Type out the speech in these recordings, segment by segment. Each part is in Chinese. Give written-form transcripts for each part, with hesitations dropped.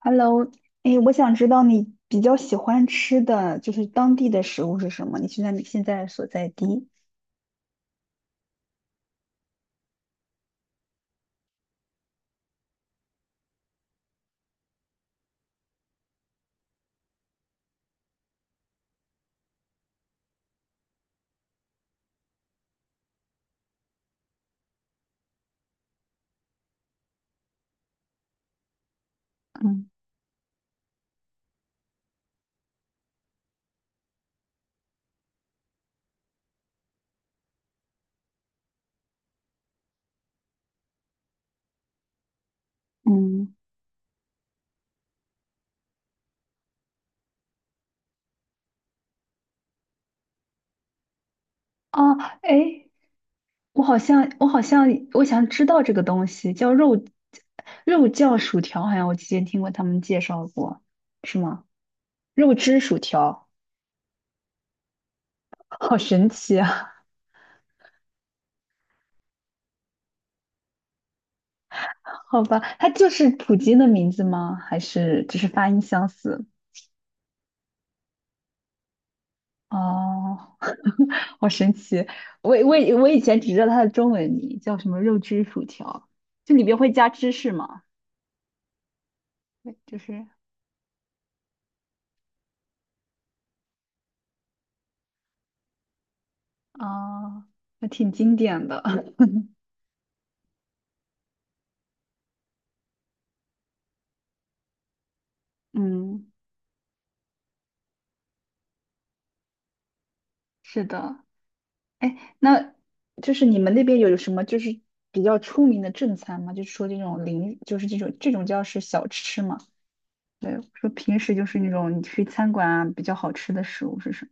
Hello，哎，我想知道你比较喜欢吃的就是当地的食物是什么？你现在所在地？嗯嗯，哦，哎，我好像我想知道这个东西叫肉酱薯条，好像我之前听过他们介绍过，是吗？肉汁薯条，好神奇啊！好吧，它就是普京的名字吗？还是只是发音相似？哦，好神奇！我以前只知道它的中文名叫什么肉汁薯条，就里边会加芝士嘛，对就是啊，那挺经典的。嗯，是的。哎，那就是你们那边有什么就是比较出名的正餐吗？就是说这种零，就是这种叫是小吃嘛？对，说平时就是那种你去餐馆啊比较好吃的食物是什么？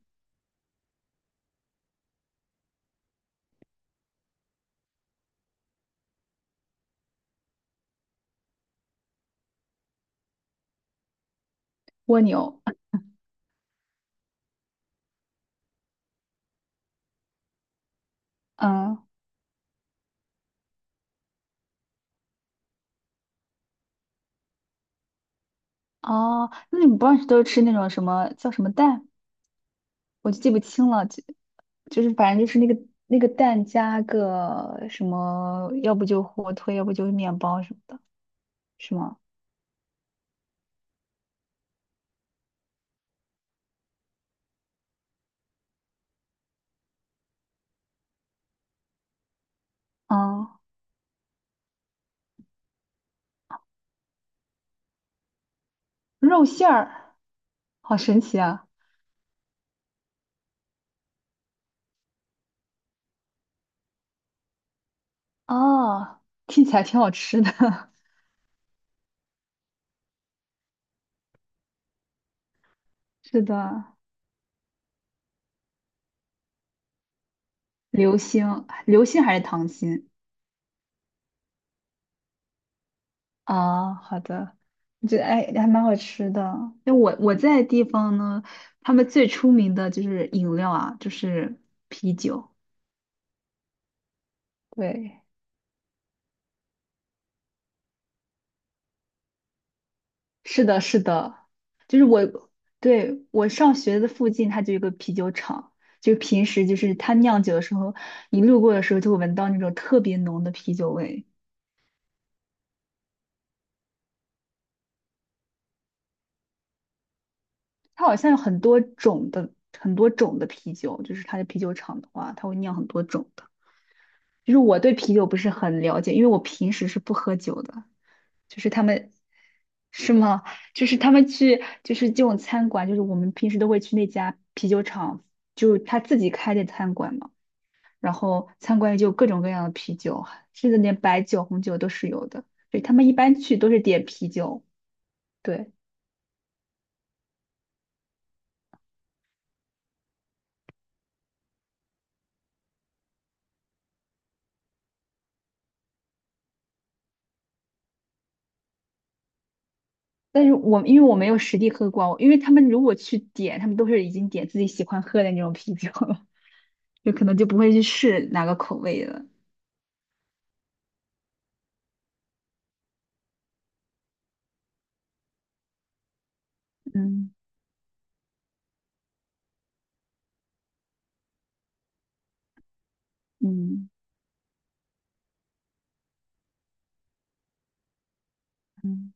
蜗牛。嗯，哦，那你们不是都吃那种什么叫什么蛋？我就记不清了，就反正就是那个蛋加个什么，要不就火腿，要不就是面包什么的，是吗？啊，肉馅儿，好神奇啊！哦，听起来挺好吃的。是的，流心，流心还是糖心？啊、好的，我觉得哎还蛮好吃的。那我在的地方呢，他们最出名的就是饮料啊，就是啤酒。对。是的，是的，就是我，对，我上学的附近，它就有一个啤酒厂，就平时就是它酿酒的时候，你路过的时候就会闻到那种特别浓的啤酒味。它好像有很多种的，很多种的啤酒，就是它的啤酒厂的话，它会酿很多种的。就是我对啤酒不是很了解，因为我平时是不喝酒的。就是他们，是吗？就是他们去，就是这种餐馆，就是我们平时都会去那家啤酒厂，就是他自己开的餐馆嘛。然后参观也就有各种各样的啤酒，甚至连白酒、红酒都是有的。对，他们一般去都是点啤酒，对。但是我因为我没有实地喝过，因为他们如果去点，他们都是已经点自己喜欢喝的那种啤酒了，就可能就不会去试哪个口味了。嗯嗯嗯，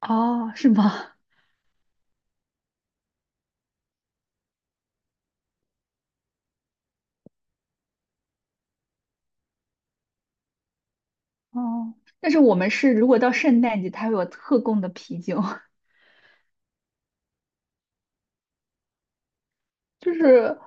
哦，是吗？哦，但是我们是如果到圣诞节，它会有特供的啤酒，就是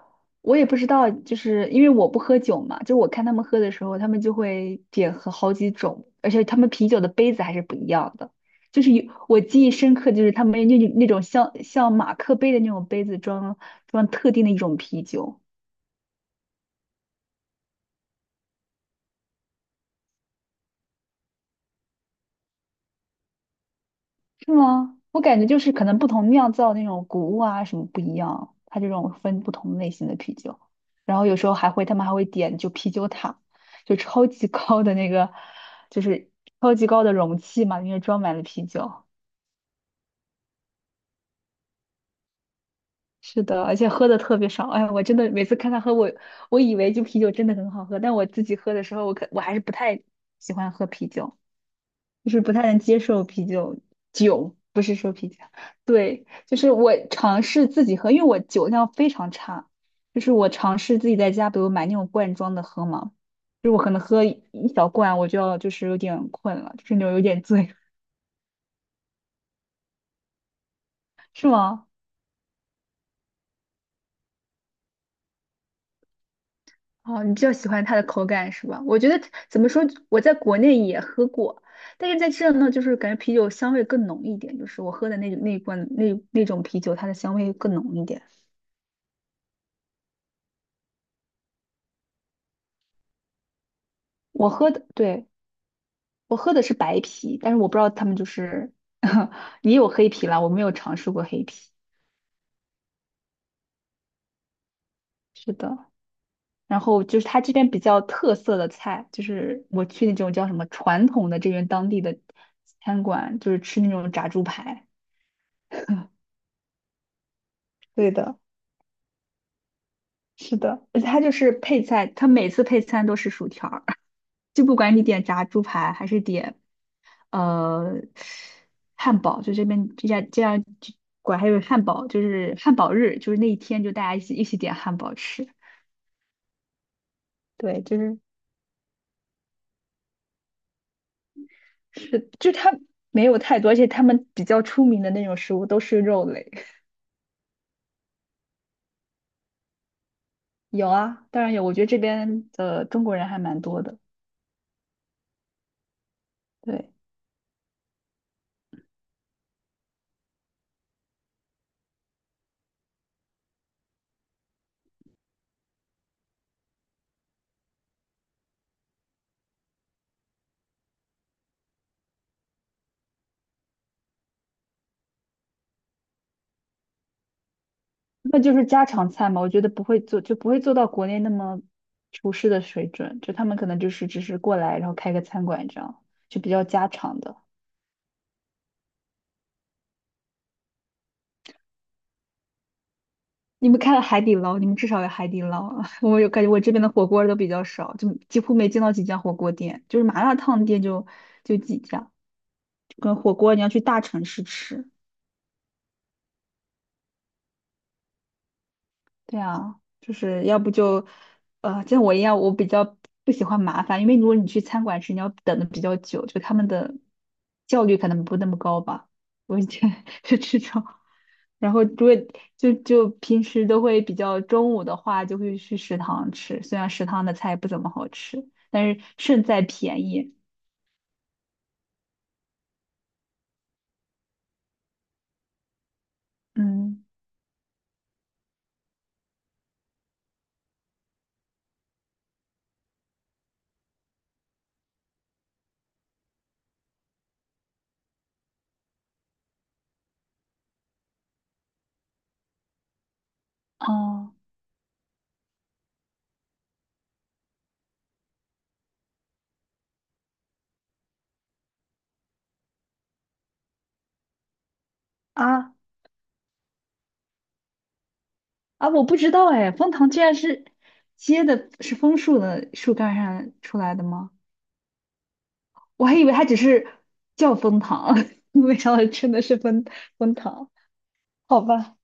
我也不知道，就是因为我不喝酒嘛，就我看他们喝的时候，他们就会点喝好几种，而且他们啤酒的杯子还是不一样的。就是有我记忆深刻，就是他们那种像马克杯的那种杯子装特定的一种啤酒。是吗？我感觉就是可能不同酿造那种谷物啊什么不一样，它这种分不同类型的啤酒，然后有时候他们还会点就啤酒塔，就超级高的那个，就是超级高的容器嘛，里面装满了啤酒。是的，而且喝的特别爽。哎，我真的每次看他喝我，我以为就啤酒真的很好喝，但我自己喝的时候，我还是不太喜欢喝啤酒。就是不太能接受啤酒，不是说啤酒，对，就是我尝试自己喝，因为我酒量非常差，就是我尝试自己在家，比如买那种罐装的喝嘛，就是我可能喝一小罐，我就要就是有点困了，就是那种有点醉，是吗？哦，你比较喜欢它的口感是吧？我觉得怎么说，我在国内也喝过，但是在这呢，就是感觉啤酒香味更浓一点，就是我喝的那一罐那种啤酒，它的香味更浓一点。我喝的，对。我喝的是白啤，但是我不知道他们就是 也有黑啤啦，我没有尝试过黑啤。是的，然后就是它这边比较特色的菜，就是我去那种叫什么传统的这边当地的餐馆，就是吃那种炸猪排。对的，是的，而且它就是配菜，它每次配餐都是薯条儿，就不管你点炸猪排还是点呃汉堡，就这边这家这样管还有汉堡，就是汉堡日，就是那一天就大家一起点汉堡吃。对，就是，就他没有太多，而且他们比较出名的那种食物都是肉类。有啊，当然有，我觉得这边的中国人还蛮多的。对，那就是家常菜嘛，我觉得不会做，就不会做到国内那么厨师的水准，就他们可能就是只是过来，然后开个餐馆这样，就比较家常的。你们开了海底捞，你们至少有海底捞啊。我有感觉，我这边的火锅都比较少，就几乎没见到几家火锅店，就是麻辣烫店就几家。跟火锅你要去大城市吃，对啊，就是要不就，像我一样，我比较不喜欢麻烦，因为如果你去餐馆吃，你要等的比较久，就他们的效率可能不那么高吧。我以前 是这种，然后如果就平时都会比较中午的话，就会去食堂吃，虽然食堂的菜不怎么好吃，但是胜在便宜。嗯，哦啊啊，我不知道哎，枫糖居然是结的是枫树的树干上出来的吗？我还以为它只是叫蜂糖，没想到真的是蜂糖。好吧，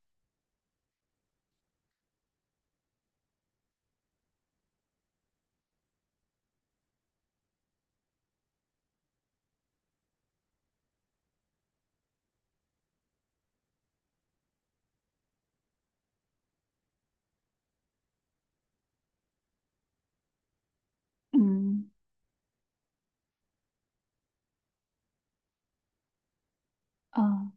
嗯啊，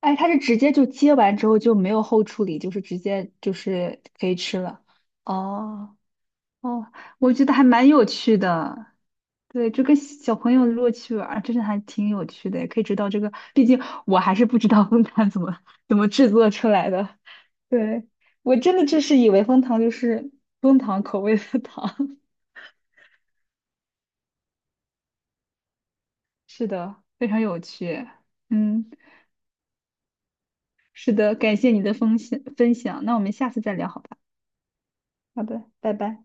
哎，它是直接就接完之后就没有后处理，就是直接就是可以吃了。哦哦，我觉得还蛮有趣的。对，就跟小朋友如果去玩儿真的还挺有趣的，也可以知道这个。毕竟我还是不知道蜂糖怎么制作出来的。对，我真的就是以为蜂糖就是蜂糖口味的糖。是的，非常有趣。嗯，是的，感谢你的分享分享。那我们下次再聊好吧？好的，拜拜。